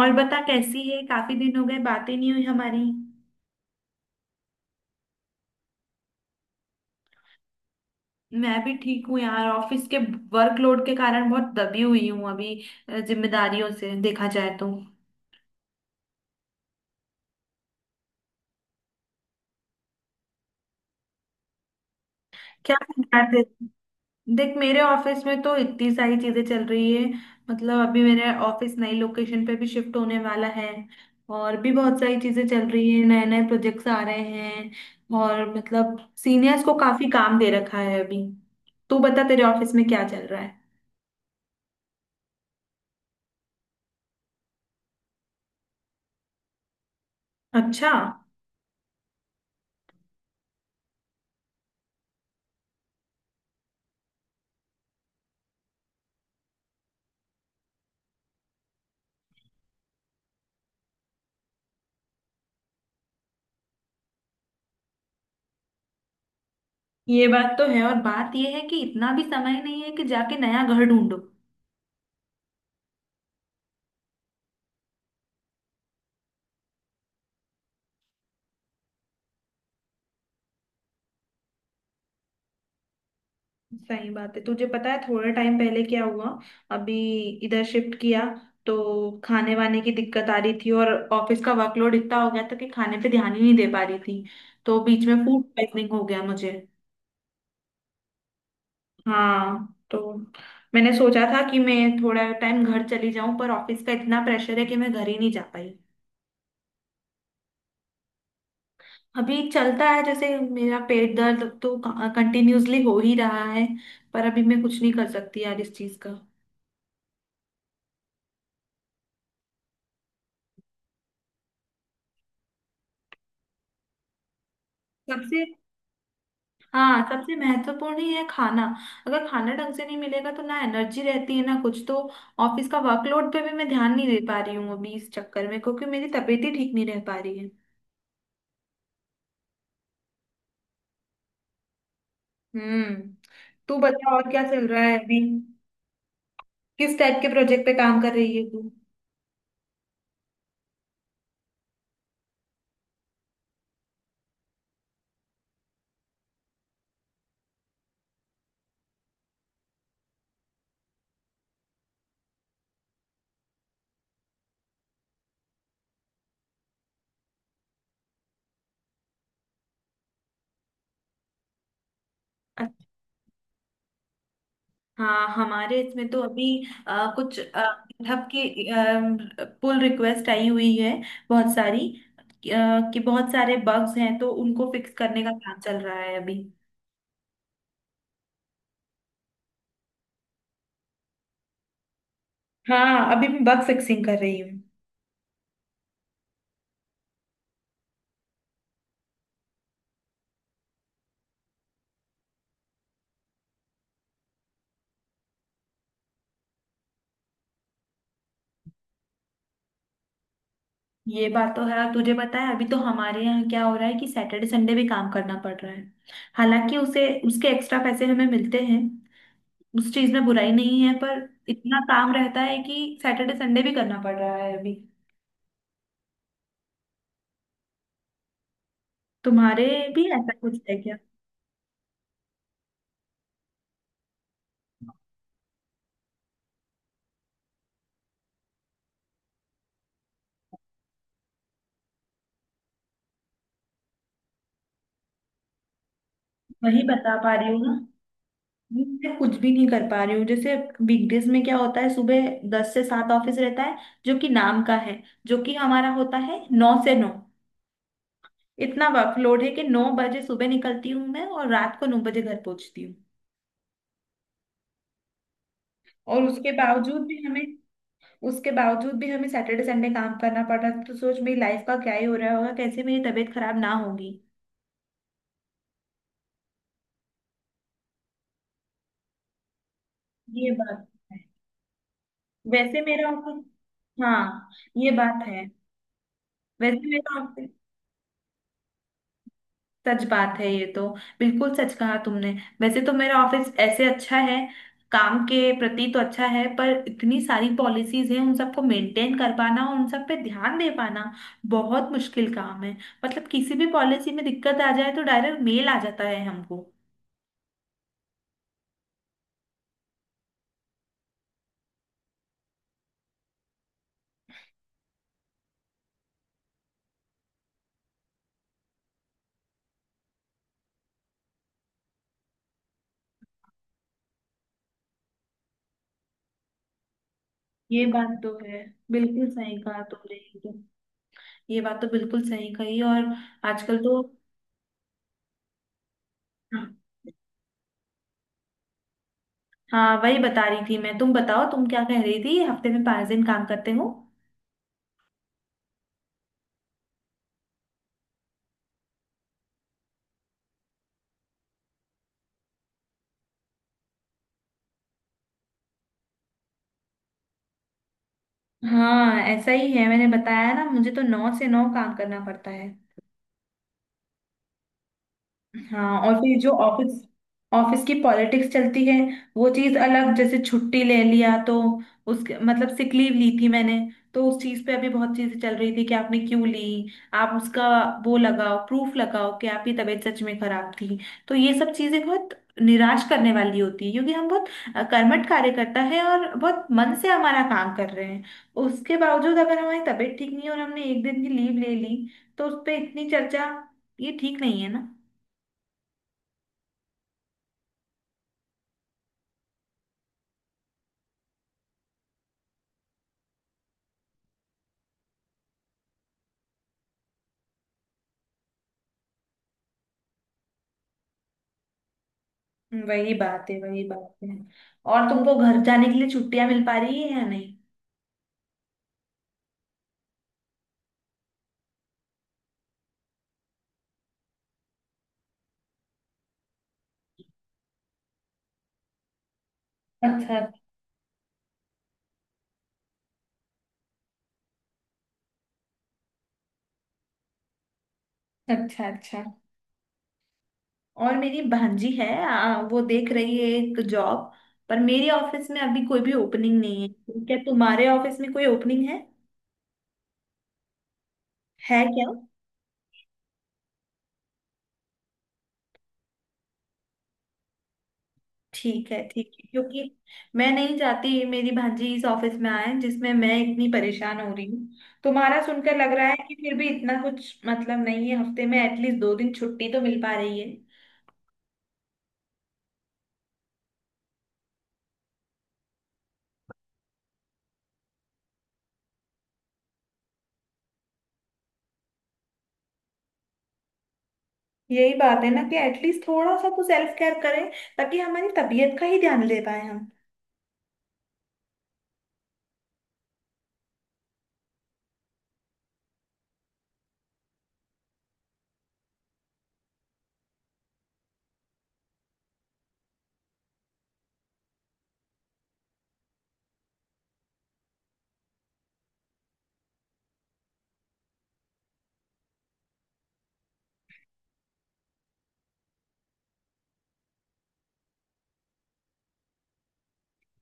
और बता कैसी है। काफी दिन हो गए बातें नहीं हुई हमारी। मैं भी ठीक हूँ यार। ऑफिस के वर्कलोड के कारण बहुत दबी हुई हूँ अभी, जिम्मेदारियों से देखा जाए तो। क्या बात है। देख मेरे ऑफिस में तो इतनी सारी चीजें चल रही है। मतलब अभी मेरे ऑफिस नई लोकेशन पे भी शिफ्ट होने वाला है। और भी बहुत सारी चीजें चल रही है, नए नए प्रोजेक्ट्स आ रहे हैं, और मतलब सीनियर्स को काफी काम दे रखा है अभी। तू बता, तेरे ऑफिस में क्या चल रहा है। अच्छा। ये बात तो है। और बात ये है कि इतना भी समय नहीं है कि जाके नया घर ढूंढो। सही बात है। तुझे पता है थोड़ा टाइम पहले क्या हुआ। अभी इधर शिफ्ट किया, तो खाने वाने की दिक्कत आ रही थी, और ऑफिस का वर्कलोड इतना हो गया था कि खाने पे ध्यान ही नहीं दे पा रही थी। तो बीच में फूड पॉइजनिंग हो गया मुझे। हाँ, तो मैंने सोचा था कि मैं थोड़ा टाइम घर चली जाऊं, पर ऑफिस का इतना प्रेशर है कि मैं घर ही नहीं जा पाई। अभी चलता है, जैसे मेरा पेट दर्द तो कंटिन्यूअसली हो ही रहा है, पर अभी मैं कुछ नहीं कर सकती यार इस चीज का। सबसे, हाँ, सबसे महत्वपूर्ण ही है खाना। अगर खाना ढंग से नहीं मिलेगा तो ना एनर्जी रहती है ना कुछ। तो ऑफिस का वर्कलोड पे भी मैं ध्यान नहीं दे पा रही हूँ अभी इस चक्कर में, क्योंकि मेरी तबीयत ही ठीक नहीं रह पा रही है। हम्म। तू बता, और क्या चल रहा है अभी। किस टाइप के प्रोजेक्ट पे काम कर रही है तू। हाँ, हमारे इसमें तो अभी कुछ गithub की पुल रिक्वेस्ट आई हुई है बहुत सारी। कि बहुत सारे बग्स हैं तो उनको फिक्स करने का काम चल रहा है अभी। हाँ, अभी मैं बग फिक्सिंग कर रही हूँ। ये बात तो है। और तुझे पता है अभी तो हमारे यहाँ क्या हो रहा है कि सैटरडे संडे भी काम करना पड़ रहा है। हालांकि उसे उसके एक्स्ट्रा पैसे हमें मिलते हैं, उस चीज में बुराई नहीं है, पर इतना काम रहता है कि सैटरडे संडे भी करना पड़ रहा है अभी। तुम्हारे भी ऐसा कुछ है। वही बता पा रही हूँ ना। मैं कुछ भी नहीं कर पा रही हूँ। जैसे वीकडेज में क्या होता है, सुबह 10 से 7 ऑफिस रहता है जो कि नाम का है, जो कि हमारा होता है 9 से 9। इतना वर्कलोड है कि 9 बजे सुबह निकलती हूँ मैं और रात को 9 बजे घर पहुंचती हूँ। और उसके बावजूद भी हमें, उसके बावजूद भी हमें सैटरडे संडे काम करना पड़ रहा है, तो सोच मेरी लाइफ का क्या ही हो रहा होगा, कैसे मेरी तबीयत खराब ना होगी। ये बात है। वैसे मेरा ऑफिस, हाँ, ये बात है। वैसे मेरा, सच बात है ये तो। बिल्कुल सच कहा तुमने। वैसे तो मेरा ऑफिस ऐसे अच्छा है, काम के प्रति तो अच्छा है, पर इतनी सारी पॉलिसीज हैं उन सबको मेंटेन कर पाना और उन सब पे ध्यान दे पाना बहुत मुश्किल काम है। मतलब किसी भी पॉलिसी में दिक्कत आ जाए तो डायरेक्ट मेल आ जाता है हमको। ये बात तो है। बिल्कुल सही कहा तुमने ये तो। ये बात तो बिल्कुल सही कही। और आजकल तो, हाँ, हाँ, वही बता रही थी मैं। तुम बताओ, तुम क्या कह रही थी। हफ्ते में 5 दिन काम करते हो। हाँ, ऐसा ही है। मैंने बताया ना, मुझे तो 9 से 9 काम करना पड़ता है। हाँ, और फिर जो ऑफिस, ऑफिस की पॉलिटिक्स चलती है वो चीज अलग। जैसे छुट्टी ले लिया, तो उसके मतलब सिक लीव ली थी मैंने, तो उस चीज पे अभी बहुत चीजें चल रही थी कि आपने क्यों ली, आप उसका वो लगाओ, प्रूफ लगाओ कि आपकी तबीयत सच में खराब थी। तो ये सब चीजें बहुत निराश करने वाली होती है, क्योंकि हम बहुत कर्मठ कार्यकर्ता है और बहुत मन से हमारा काम कर रहे हैं। उसके बावजूद अगर हमारी तबीयत ठीक नहीं है और हमने 1 दिन की लीव ले ली, तो उस पर इतनी चर्चा, ये ठीक नहीं है ना। वही बात है, वही बात है। और तुमको घर जाने के लिए छुट्टियां मिल पा रही है या नहीं। अच्छा। अच्छा अच्छा। और मेरी भांजी है, वो देख रही है एक जॉब। पर मेरे ऑफिस में अभी कोई भी ओपनिंग नहीं है। क्या तुम्हारे ऑफिस में कोई ओपनिंग है। है क्या। ठीक है ठीक है, क्योंकि मैं नहीं चाहती मेरी भांजी इस ऑफिस में आए जिसमें मैं इतनी परेशान हो रही हूँ। तुम्हारा सुनकर लग रहा है कि फिर भी इतना कुछ मतलब नहीं है, हफ्ते में एटलीस्ट 2 दिन छुट्टी तो मिल पा रही है। यही बात है ना कि एटलीस्ट थोड़ा सा तो सेल्फ केयर करें, ताकि हमारी तबीयत का ही ध्यान ले पाए हम।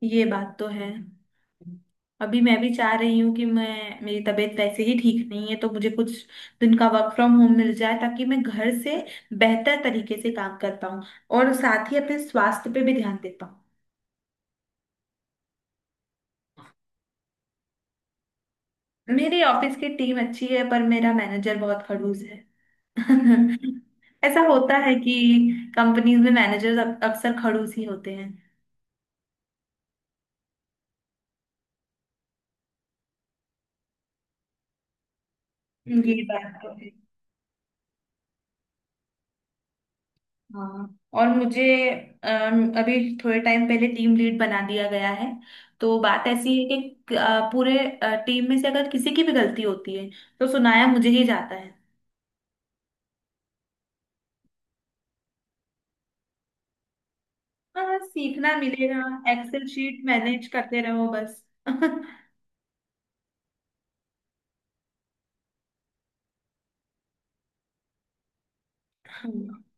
ये बात तो है। अभी मैं भी चाह रही हूँ कि मैं, मेरी तबीयत वैसे ही ठीक नहीं है, तो मुझे कुछ दिन का वर्क फ्रॉम होम मिल जाए ताकि मैं घर से बेहतर तरीके से काम कर पाऊँ और साथ ही अपने स्वास्थ्य पे भी ध्यान दे पाऊँ। मेरी ऑफिस की टीम अच्छी है पर मेरा मैनेजर बहुत खड़ूस है। ऐसा होता है कि कंपनीज में मैनेजर्स अक्सर खड़ूस ही होते हैं। ये बात तो है। हाँ, और मुझे अभी थोड़े टाइम पहले टीम लीड बना दिया गया है, तो बात ऐसी है कि पूरे टीम में से अगर किसी की भी गलती होती है, तो सुनाया मुझे ही जाता है। हाँ, सीखना मिलेगा। एक्सेल शीट मैनेज करते रहो बस।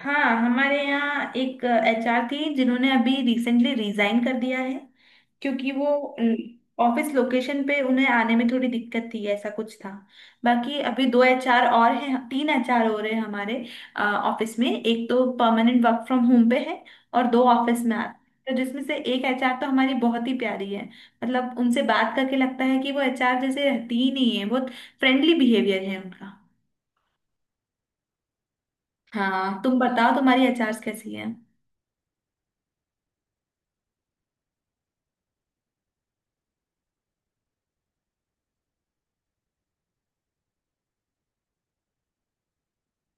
हाँ, हमारे यहाँ एक एचआर थी जिन्होंने अभी रिसेंटली रिजाइन कर दिया है, क्योंकि वो ऑफिस लोकेशन पे उन्हें आने में थोड़ी दिक्कत थी, ऐसा कुछ था। बाकी अभी 2 एचआर और हैं, 3 एचआर हो रहे हैं हमारे ऑफिस में। एक तो परमानेंट वर्क फ्रॉम होम पे है, और दो ऑफिस में आ। तो जिसमें से एक एचआर तो हमारी बहुत ही प्यारी है, मतलब उनसे बात करके लगता है कि वो एचआर जैसे रहती ही नहीं है। बहुत फ्रेंडली बिहेवियर है उनका। हाँ, तुम बताओ तुम्हारी एचआर कैसी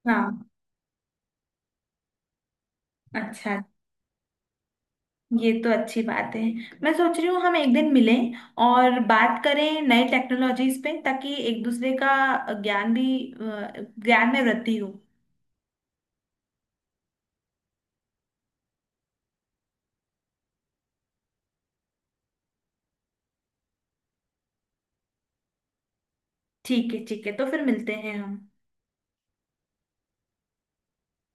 है। अच्छा। ये तो अच्छी बात है। मैं सोच रही हूँ हम 1 दिन मिलें और बात करें नए टेक्नोलॉजीज पे ताकि एक दूसरे का ज्ञान भी, अ, ज्ञान में वृद्धि हो। ठीक है ठीक है, तो फिर मिलते हैं हम।